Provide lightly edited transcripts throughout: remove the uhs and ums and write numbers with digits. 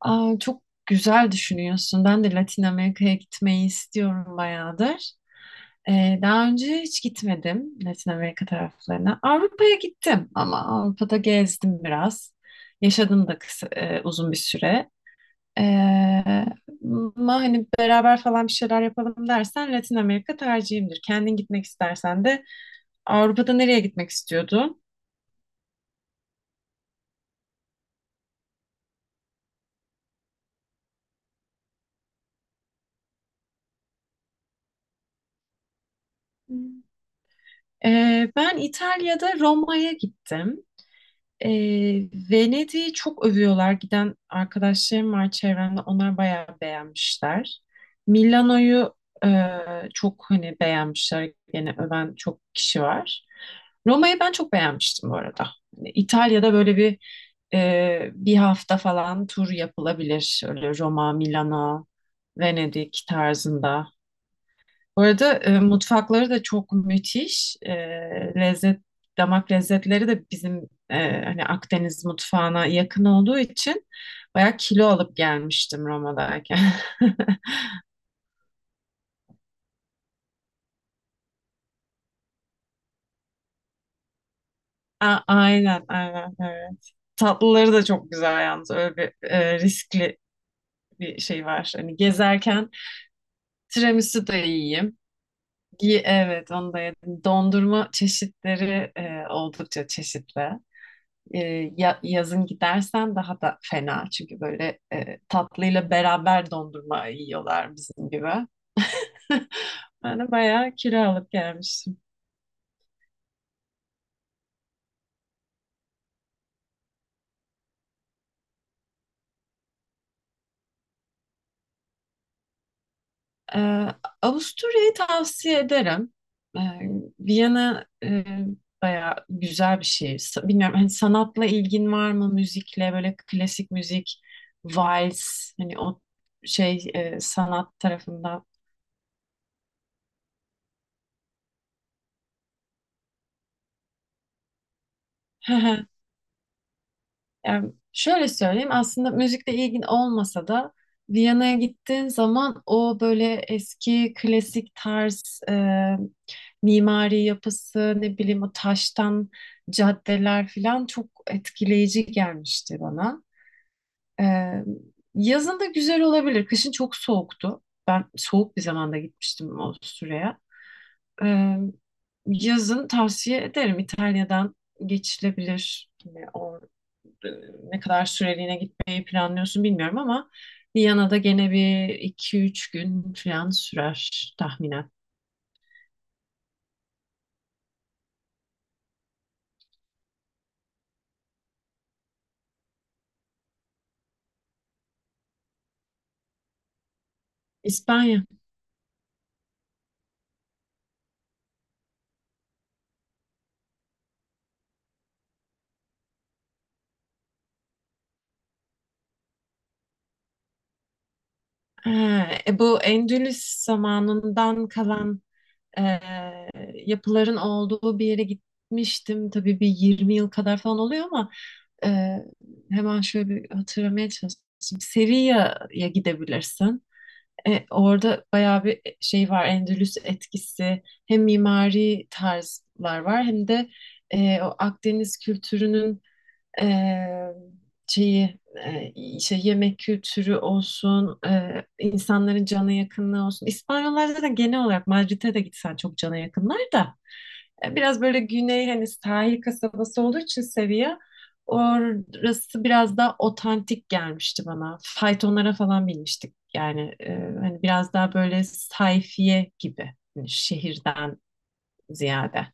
Aa, çok güzel düşünüyorsun. Ben de Latin Amerika'ya gitmeyi istiyorum bayağıdır. Daha önce hiç gitmedim Latin Amerika taraflarına. Avrupa'ya gittim ama Avrupa'da gezdim biraz. Yaşadım da uzun bir süre. Ee, ama hani beraber falan bir şeyler yapalım dersen Latin Amerika tercihimdir. Kendin gitmek istersen de Avrupa'da nereye gitmek istiyordun? Hmm. Ben İtalya'da Roma'ya gittim. E, Venedik'i çok övüyorlar. Giden arkadaşlarım var çevremde. Onlar bayağı beğenmişler. Milano'yu e, çok hani beğenmişler. Gene öven çok kişi var. Roma'yı ben çok beğenmiştim bu arada. Hani İtalya'da böyle bir hafta falan tur yapılabilir. Öyle Roma, Milano, Venedik tarzında. Bu arada mutfakları da çok müthiş. Lezzet, damak lezzetleri de bizim hani Akdeniz mutfağına yakın olduğu için bayağı kilo alıp gelmiştim Roma'dayken. Aynen, aynen, evet. Tatlıları da çok güzel yalnız. Öyle bir riskli bir şey var. Hani gezerken tiramisu da yiyeyim. Evet, onu da yedim. Dondurma çeşitleri oldukça çeşitli. Yazın gidersen daha da fena çünkü böyle tatlıyla beraber dondurma yiyorlar bizim gibi. Ben de bayağı kiralık gelmiştim. E, Avusturya'yı tavsiye ederim. E, Viyana bayağı güzel bir şehir. Bilmiyorum hani sanatla ilgin var mı? Müzikle böyle klasik müzik, vals hani o şey sanat tarafından. Yani şöyle söyleyeyim aslında müzikle ilgin olmasa da Viyana'ya gittiğin zaman o böyle eski klasik tarz mimari yapısı ne bileyim o taştan caddeler falan çok etkileyici gelmişti bana. E, Yazın da güzel olabilir. Kışın çok soğuktu. Ben soğuk bir zamanda gitmiştim o süreye. E, Yazın tavsiye ederim, İtalya'dan geçilebilir yine oradan. e, Ne kadar süreliğine gitmeyi planlıyorsun bilmiyorum ama Viyana'da gene bir iki üç gün falan sürer tahminen. İspanya. Ha, bu Endülüs zamanından kalan e, yapıların olduğu bir yere gitmiştim. Tabii bir 20 yıl kadar falan oluyor ama e, hemen şöyle bir hatırlamaya çalışayım. Sevilla'ya gidebilirsin. Orada bayağı bir şey var, Endülüs etkisi. Hem mimari tarzlar var hem de o Akdeniz kültürünün eee, şeyi işte, yemek kültürü olsun, insanların cana yakınlığı olsun. İspanyollar da genel olarak, Madrid'e de gitsen, çok cana yakınlar da. Biraz böyle güney hani sahil kasabası olduğu için seviye, orası biraz daha otantik gelmişti bana. Faytonlara falan binmiştik. Yani hani biraz daha böyle sayfiye gibi, hani şehirden ziyade.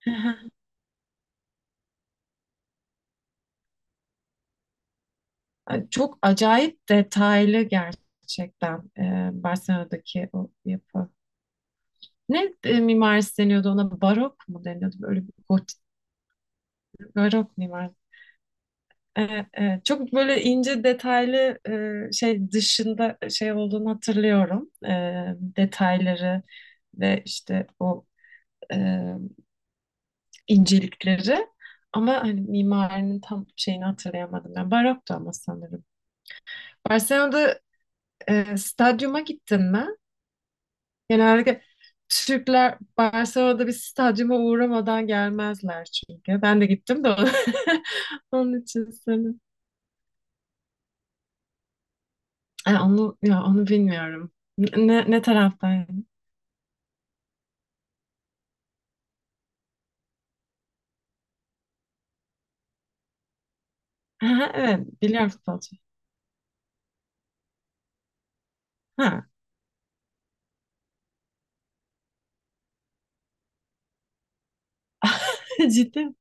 Yani çok acayip detaylı gerçekten Barcelona'daki o yapı. Ne mimarisi deniyordu ona? Barok mu deniyordu? Böyle bir gotik, barok mimari. Evet, evet. Çok böyle ince detaylı şey dışında şey olduğunu hatırlıyorum. Detayları ve işte o e, incelikleri. Ama hani mimarinin tam şeyini hatırlayamadım. Yani baroktu ama sanırım. Barcelona'da stadyuma gittin mi? Genellikle Türkler Barcelona'da bir stadyuma uğramadan gelmezler çünkü. Ben de gittim de onun için söyledim. Onu, ya onu bilmiyorum. Ne taraftaydın? Ha, evet, biliyorum futbolcu. Ha. Ciddi mi?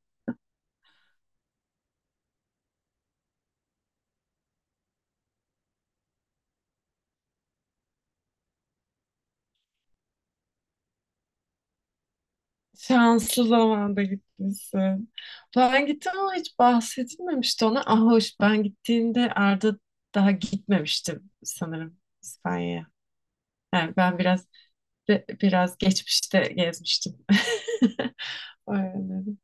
Şanslı zamanda gitmişsin. Ben gittim ama hiç bahsedilmemişti ona. Ah hoş, ben gittiğimde Arda daha gitmemiştim sanırım İspanya'ya. Yani ben biraz biraz geçmişte gezmiştim. Öğrendim.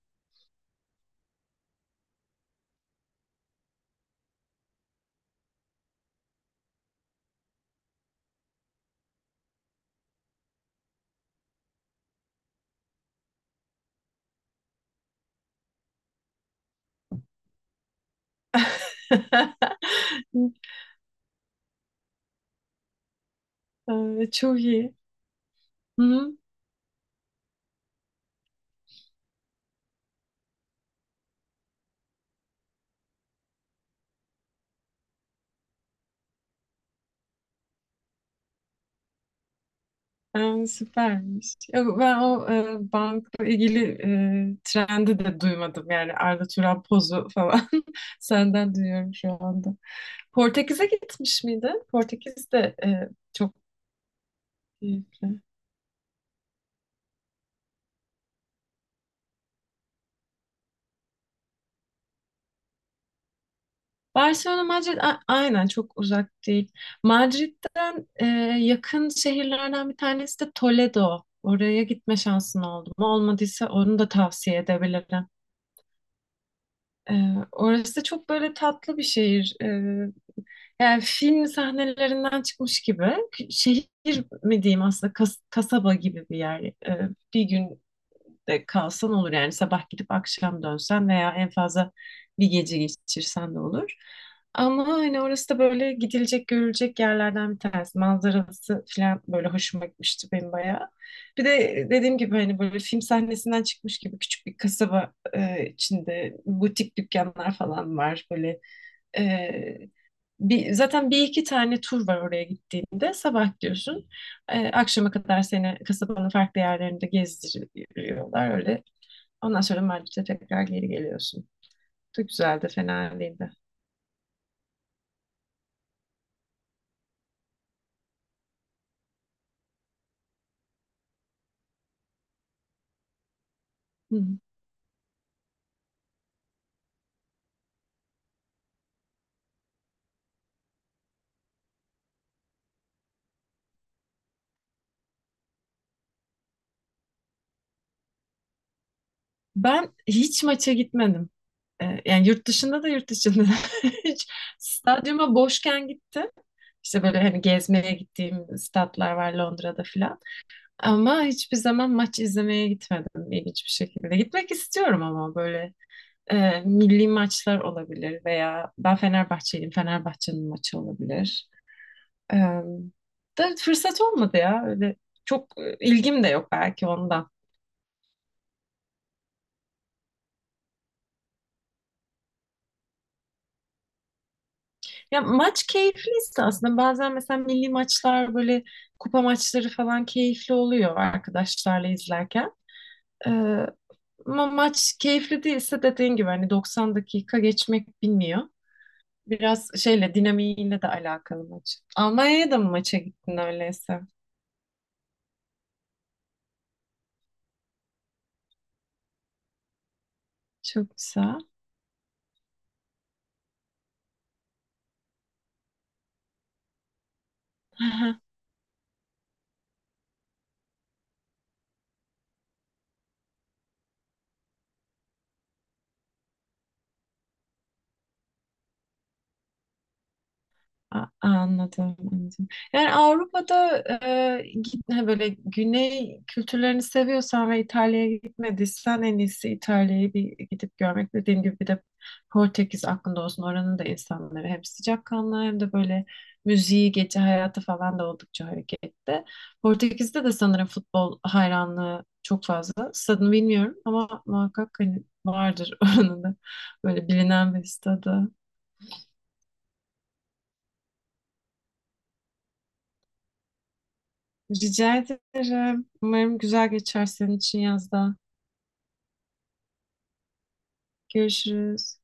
Çok iyi. Hı hı. Süpermiş. Yok, ben o bankla ilgili trendi de duymadım. Yani Arda Turan pozu falan senden duyuyorum şu anda. Portekiz'e gitmiş miydi? Portekiz de çok keyifli. Barcelona, Madrid aynen çok uzak değil. Madrid'den yakın şehirlerden bir tanesi de Toledo. Oraya gitme şansın oldu mu? Olmadıysa, onu da tavsiye edebilirim. E, Orası da çok böyle tatlı bir şehir. Yani film sahnelerinden çıkmış gibi. Şehir mi diyeyim aslında, kasaba gibi bir yer. Bir gün de kalsan olur, yani sabah gidip akşam dönsen veya en fazla bir gece geçirsen de olur. Ama hani orası da böyle gidilecek görülecek yerlerden bir tanesi. Manzarası falan böyle hoşuma gitmişti benim bayağı. Bir de dediğim gibi hani böyle film sahnesinden çıkmış gibi küçük bir kasaba, içinde butik dükkanlar falan var. Böyle e, zaten bir iki tane tur var oraya gittiğinde. Sabah gidiyorsun. Akşama kadar seni kasabanın farklı yerlerinde gezdiriyorlar öyle. Ondan sonra Madrid'e tekrar geri geliyorsun. Çok güzeldi, fena değildi. Hı. Ben hiç maça gitmedim. Yani yurt dışında da yurt içinde de. Hiç stadyuma boşken gittim. İşte böyle hani gezmeye gittiğim statlar var Londra'da filan. Ama hiçbir zaman maç izlemeye gitmedim, ilginç bir şekilde. Gitmek istiyorum ama böyle milli maçlar olabilir veya ben Fenerbahçeliyim, Fenerbahçe'nin maçı olabilir. E, da fırsat olmadı ya. Öyle çok ilgim de yok, belki ondan. Ya maç keyifliyse aslında, bazen mesela milli maçlar böyle, kupa maçları falan keyifli oluyor arkadaşlarla izlerken. E, Ama maç keyifli değilse dediğin gibi hani 90 dakika geçmek bilmiyor. Biraz şeyle, dinamiğiyle de alakalı maç. Almanya'ya da mı maça gittin öyleyse? Çok güzel. Aha, anladım, anladım. Yani Avrupa'da gitme, böyle güney kültürlerini seviyorsan ve İtalya'ya gitmediysen en iyisi İtalya'yı bir gidip görmek. Dediğim gibi bir de Portekiz aklında olsun. Oranın da insanları hem sıcakkanlı hem de böyle müziği, gece hayatı falan da oldukça hareketli. Portekiz'de de sanırım futbol hayranlığı çok fazla. Stadını bilmiyorum ama muhakkak hani vardır oranın da böyle bilinen bir stadı. Rica ederim. Umarım güzel geçer senin için yazda. Görüşürüz.